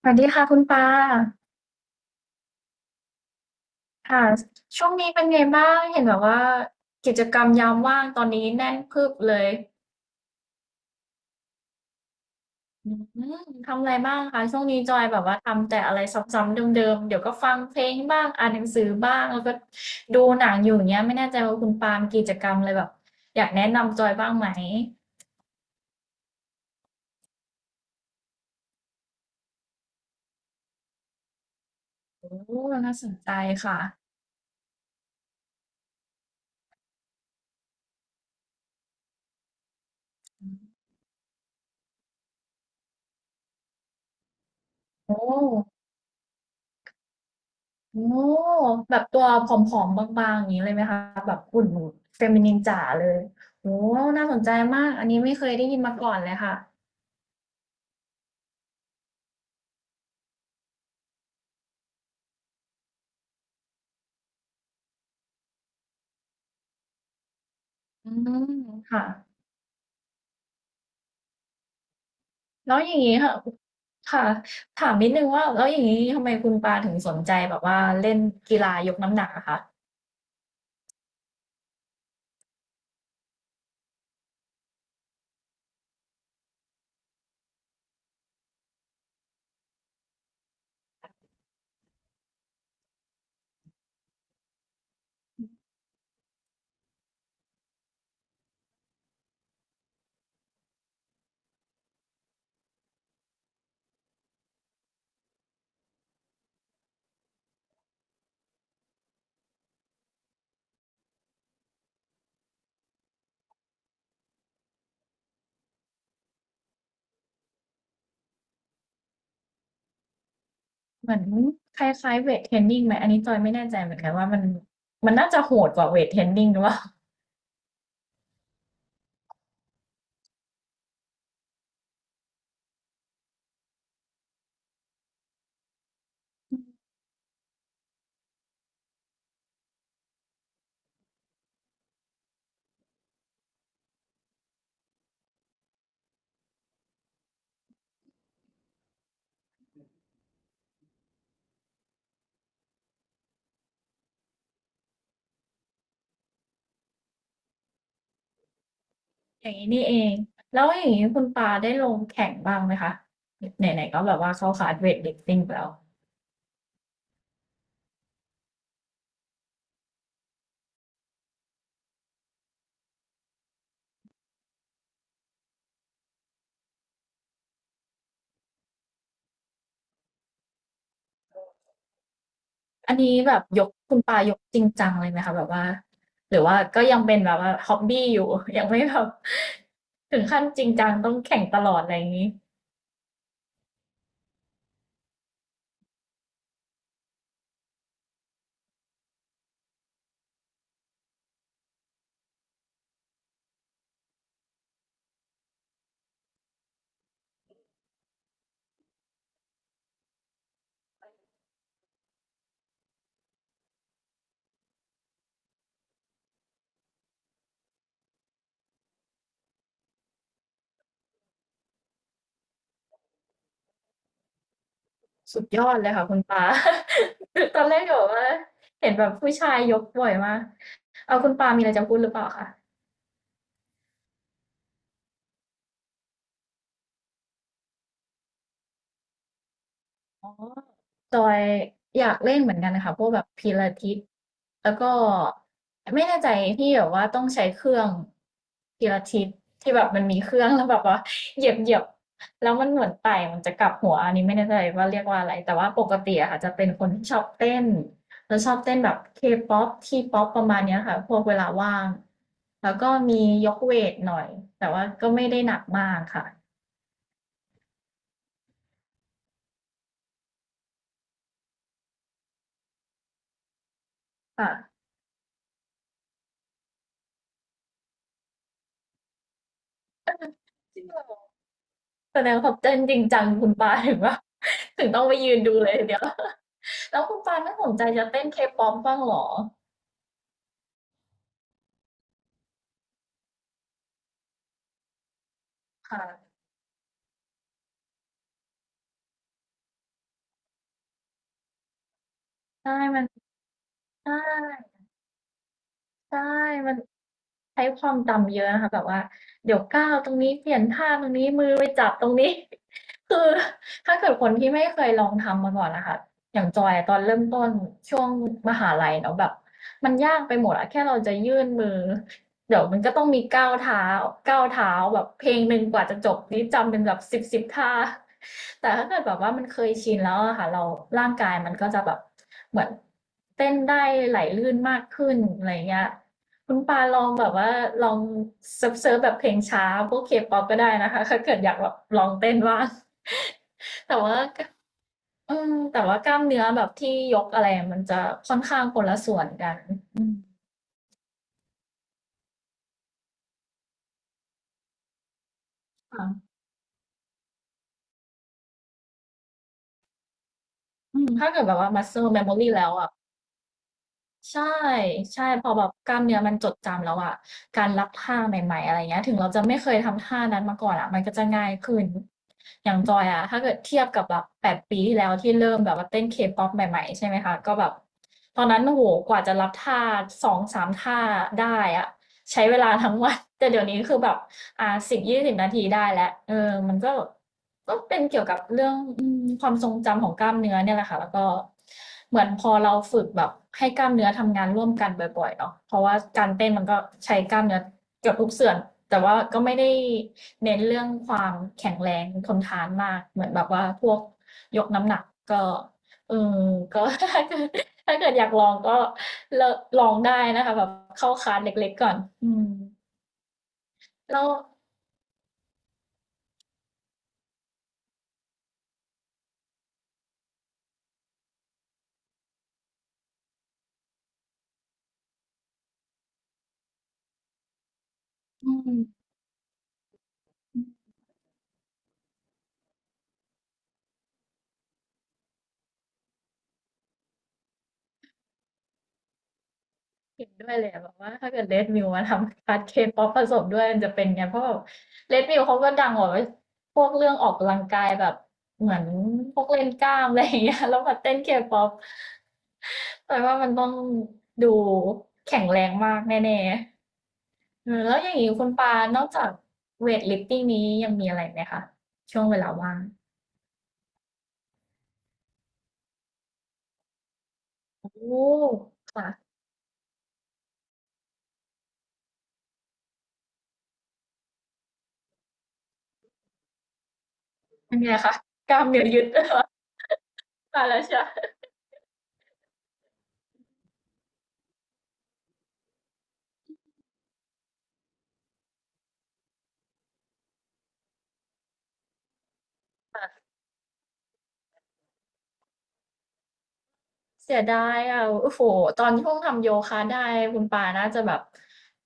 สวัสดีค่ะคุณปาค่ะช่วงนี้เป็นไงบ้างเห็นแบบว่ากิจกรรมยามว่างตอนนี้แน่นพึบเลยอืทำอะไรบ้างคะช่วงนี้จอยแบบว่าทำแต่อะไรซ้ำๆเดิมๆเดี๋ยวก็ฟังเพลงบ้างอ่านหนังสือบ้างแล้วก็ดูหนังอยู่อย่างเงี้ยไม่แน่ใจว่าคุณปาล์มีกิจกรรมอะไรแบบอยากแนะนำจอยบ้างไหมโอ้น่าสนใจค่ะโอ้ โอ้แบบตัวผอมๆบางๆอย่างนี้เลยไหมคะแบบหุ่นเฟมินินจ๋าเลยโอ้น่าสนใจมากอันนี้ไม่เคยได้ยินมาก่อนเลยค่ะอืมค่ะแล้วอย่างนี้ค่ะค่ะถามนิดนึงว่าแล้วอย่างนี้ทำไมคุณปาถึงสนใจแบบว่าเล่นกีฬายกน้ำหนักอะคะเหมือนคล้ายๆเวทเทรนนิ่งไหมอันนี้จอยไม่แน่ใจเหมือนกันว่ามันมันน่าจะโหดกว่าเวทเทรนนิ่งหรือเปล่า อย่างนี้นี่เองแล้วอย่างนี้คุณปาได้ลงแข่งบ้างไหมคะไหนๆก็แบบว่าเข้าคลาสเวทลิฟติ้งไปแล้วอันนี้แบบยกคุณปายกจริงจังเลยไหมคะแบบว่าหรือว่าก็ยังเป็นแบบว่าฮ็อบบี้อยู่ ยังไม่แบบ ถึงขั้นจริงจังต้องแข่งตลอดอะไรอย่างนี้สุดยอดเลยค่ะคุณปา ตอนแรกก็บอกว่าเห็นแบบผู้ชายยกบ่อยมากเอาคุณปามีอะไรจะพูดหรือเปล่าคะอ๋อ จอยอยากเล่นเหมือนกันนะคะพวกแบบพิลาทิสแล้วก็ไม่แน่ใจที่แบบว่าต้องใช้เครื่องพิลาทิสที่แบบมันมีเครื่องแล้วแบบว่าเหยียบเหยียบแล้วมันเหมือนไต่มันจะกลับหัวอันนี้ไม่แน่ใจว่าเรียกว่าอะไรแต่ว่าปกติอะค่ะจะเป็นคนที่ชอบเต้นแล้วชอบเต้นแบบเคป๊อปทีป๊อปประมาณเนี้ยค่ะพวกเวลาว่างแล้วก็มียกเวทหน่อยแต่ว่าก็ไม่ได้หนักมากค่ะค่ะ แสดงความเต้นจริงจังคุณปาถึงว่า ถึงต้องไปยืนดูเลยทีเดียว แล้วคุณปาไม่สนใจจะเต้นเคป๊อปบ้างเหรอค่ะใช่มันใช่ใช่มันใช้ความจำเยอะนะคะแบบว่าเดี๋ยวก้าวตรงนี้เปลี่ยนท่าตรงนี้มือไปจับตรงนี้ คือถ้าเกิดคนที่ไม่เคยลองทำมาก่อนนะคะอย่างจอยอะตอนเริ่มต้นช่วงมหาลัยเนาะแบบมันยากไปหมดอะแค่เราจะยื่นมือ เดี๋ยวมันก็ต้องมีก้าวเท้าก้าวเท้าแบบเพลงหนึ่งกว่าจะจบนี่จำเป็นแบบสิบท่า แต่ถ้าเกิดแบบว่ามันเคยชินแล้วอะค่ะเราร่างกายมันก็จะแบบเหมือนเต้นได้ไหลลื่นมากขึ้นอะไรเงี้ยคุณปาลองแบบว่าลองเซิร์ฟแบบเพลงช้าพวกเคป๊อปก็ได้นะคะถ้าเกิดอยากแบบลองเต้นว่าง แต่ว่ากอืมแต่ว่ากล้ามเนื้อแบบที่ยกอะไรมันจะค่อนข้างคนละส่วนกันอืมค่ะ อืมถ้าเกิดแบบว่า muscle memory แล้วอ่ะใช่ใช่พอแบบกล้ามเนื้อมันจดจำแล้วอ่ะการรับท่าใหม่ๆอะไรเงี้ยถึงเราจะไม่เคยทำท่านั้นมาก่อนอ่ะมันก็จะง่ายขึ้นอย่างจอยอ่ะถ้าเกิดเทียบกับแบบ8 ปีที่แล้วที่เริ่มแบบว่าเต้นเคป๊อปใหม่ๆใช่ไหมคะก็แบบตอนนั้นโอ้โหกว่าจะรับท่าสองสามท่าได้อ่ะใช้เวลาทั้งวันแต่เดี๋ยวนี้คือแบบ 10-20 นาทีได้แล้วเออมันก็ก็เป็นเกี่ยวกับเรื่องอืมความทรงจำของกล้ามเนื้อเนี่ยแหละค่ะแล้วก็เหมือนพอเราฝึกแบบให้กล้ามเนื้อทำงานร่วมกันบ่อยๆเนาะเพราะว่าการเต้นมันก็ใช้กล้ามเนื้อเกือบทุกส่วนแต่ว่าก็ไม่ได้เน้นเรื่องความแข็งแรงทนทานมากเหมือนแบบว่าพวกยกน้ำหนักก็เออก็ ถ้าเกิดถ้าเกิดอยากลองก็เลลองได้นะคะแบบเข้าคลาสเล็กๆก่อนอืมแล้วอืม เห็นด้วยเลยอะแบบว่าถ้าเกิด Red Mill มวมาทำคัดเคป๊อปผสมด้วยมันจะเป็นไงเพราะแบบ Red Mill เขาก็ดังกว่าพวกเรื่องออกกำลังกายแบบเหมือนพวกเล่นกล้ามอะไรอย่างเงี้ย แล้วมาเต้นเคป๊อปแต่ว่ามันต้องดูแข็งแรงมากแน่ๆเออแล้วอย่างนี้คุณปา นอกจากเวทลิฟติ้งนี้ยังมีอะไรไหมคะช่วงเวลาว่างโอ้ค่ะเป็นไงคะกล้ามเนื้อยึด มาแล้วใช่ไหม เสียดายอะโอ้โฮตอนช่วงทำโยคะได้คุณปาน่าจะแบบ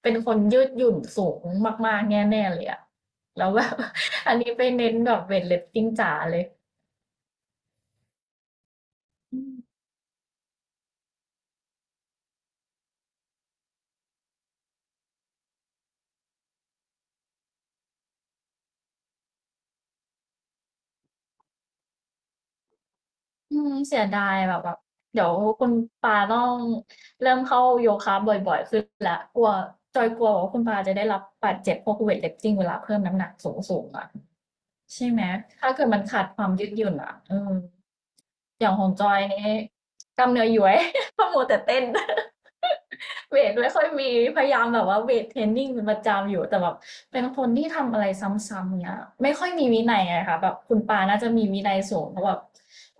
เป็นคนยืดหยุ่นสูงมากๆแน่ๆเลยอะแล้วแบบ อันนี้ไปเน้นแบบเวตลิฟติ้งจ๋าเลยอืมอืมเสียดายแบบแบบเดี๋ยวคุณปาต้องเริ่มเข้าโยคะบ่อยๆขึ้นแล้วกลัวจอยกลัวว่าคุณปาจะได้รับบาดเจ็บพวกเวตลิฟติ้งเวลาเพิ่มน้ำหนักสูงๆอะ ใช่ไหมถ้าเกิดมันขาดความยืดหยุ่นอ่ะเอออย่างของจอยนี่กล้ามเนื้อย้วย เพราะมัวแต่เต้น เวทไม่ค่อยมีพยายามแบบว่าเวทเทรนนิ่งเป็นประจำอยู่แต่แบบเป็นคนที่ทำอะไรซ้ำๆเนี่ยไม่ค่อยมีวินัยอะค่ะแบบคุณปาน่าจะมีวินัยสูงเพราะแบบ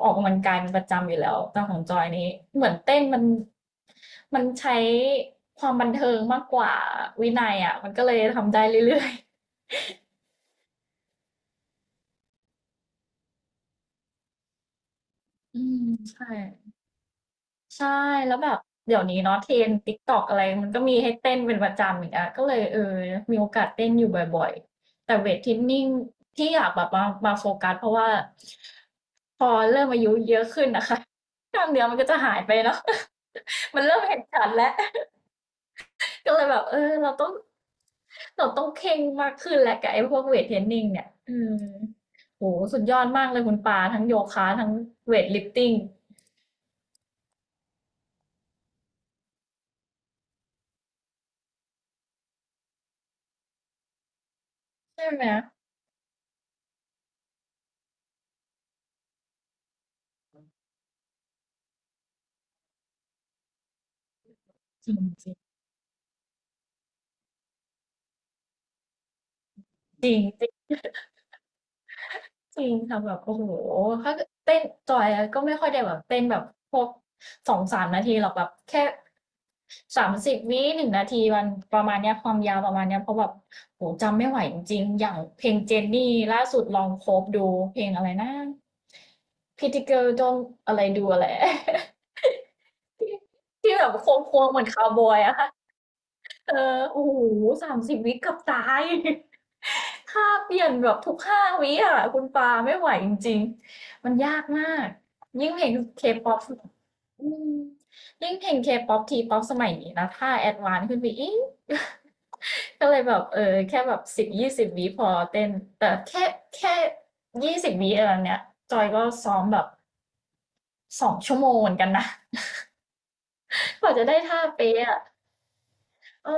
ออกกำลังกายเป็นประจำอยู่แล้วแต่ของจอยนี่เหมือนเต้นมันใช้ความบันเทิงมากกว่าวินัยอะมันก็เลยทำได้เรื่อยๆอืมใช่ ใช่แล้วแบบเดี๋ยวนี้เนาะเทรน n d TikTok อะไรมันก็มีให้เต้นเป็นประจำอีกอะก็เลยเออมีโอกาสเต้นอยู่บ่อยๆแต่เวตเทรนนิงที่อยากแบบมาโฟกัสเพราะว่าพอเริ่มอายุเยอะขึ้นน่ะค่ะ กล้ามเนื้อมันก็จะหายไปเนาะ มันเริ่มเห็นชัดแล้วก็เลยแบบเออเราต้องเคร่งมากขึ้นแหละกับไอ้พวกเวตเทรนนิงเนี่ยอืมโอ้โฮสุดยอดมากเลยคุณปาทั้งโยคะทั้งเวตลิฟติงใช่ไหมจริงๆจริงๆ จริงค่ะแบบโอ้โฮถ้าเกิดเต้นจอยอะก็ไม่ค่อยได้แบบเต้นแบบพวก2-3นาทีหรอกแบบแค่30วิ1นงนาทีมันประมาณเนี้ยความยาวประมาณเนี้ยเพราะแบบโอ้โฮจำไม่ไหวจริงๆอย่างเพลงเจนนี่ล่าสุดลอง c o v e ดูเพลงอะไรนะ Pretty Girl Don't อะไร Do อะไร ที่ที่แบบโค้งๆเหมือนคาวบอยอะค่ะ เออโอ้โฮ30วิเกือบตาย ค่าเปลี่ยนแบบทุก5วิอะคุณปาไม่ไหวจริงๆมันยากมากยิ่งเพลง K-pop สอืมยิ่งเพลง K-pop T-pop สมัยนี้นะถ้าแอดวานซ์ขึ้นไปอีก ก็เลยแบบเออแค่แบบ10-20วิพอเต้นแต่แค่20วิอะไรเนี้ยจอยก็ซ้อมแบบ2ชั่วโมงเหมือนกันนะ กว่าจะได้ท่าเป๊ะอะเออ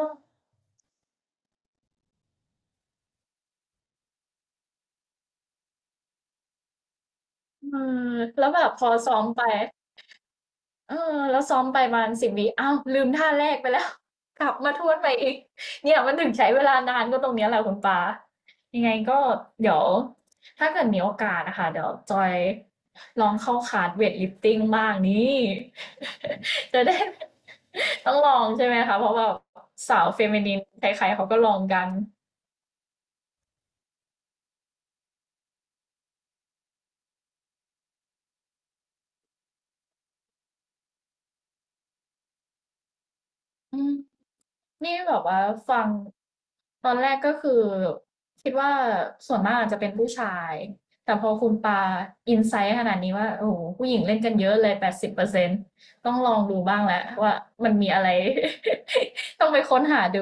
เออแล้วแบบพอซ้อมไป เออแล้วซ้อมไปประมาณสิ0วิอ้าวลืมท่าแรกไปแล้ว กลับมาทวนไปอีกเนี่ยมันถึงใช้เวลานานก็ตรงเนี้ยแหละคุณปายังไงก็เดี๋ยวถ้าเกิดมีโอกาสนะคะเดี๋ยวจอยลองเข้าคลาสเวทลิฟติ้งบ้างนี่ จะได้ ต้องลองใช่ไหมคะเพราะว่าสาวเฟมินินใครๆเขาก็ลองกันอืม นี่แบบว่าฟังตอนแรกก็คือคิดว่าส่วนมากอาจจะเป็นผู้ชายแต่พอคุณปาอินไซต์ขนาดนี้ว่าโอ้โหผู้หญิงเล่นกันเยอะเลย80%ต้องลองดูบ้างแล้วว่ามันมีอะไร ต้องไปค้นหาดู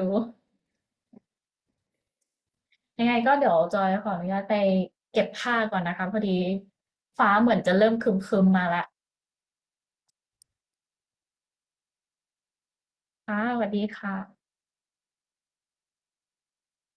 ยังไงก็เดี๋ยวจอยขออนุญาตไปเก็บผ้าก่อนนะคะพอดีฟ้าเหมือนจะเริ่มครึมๆมาละค่ะสวัสดีค่ะ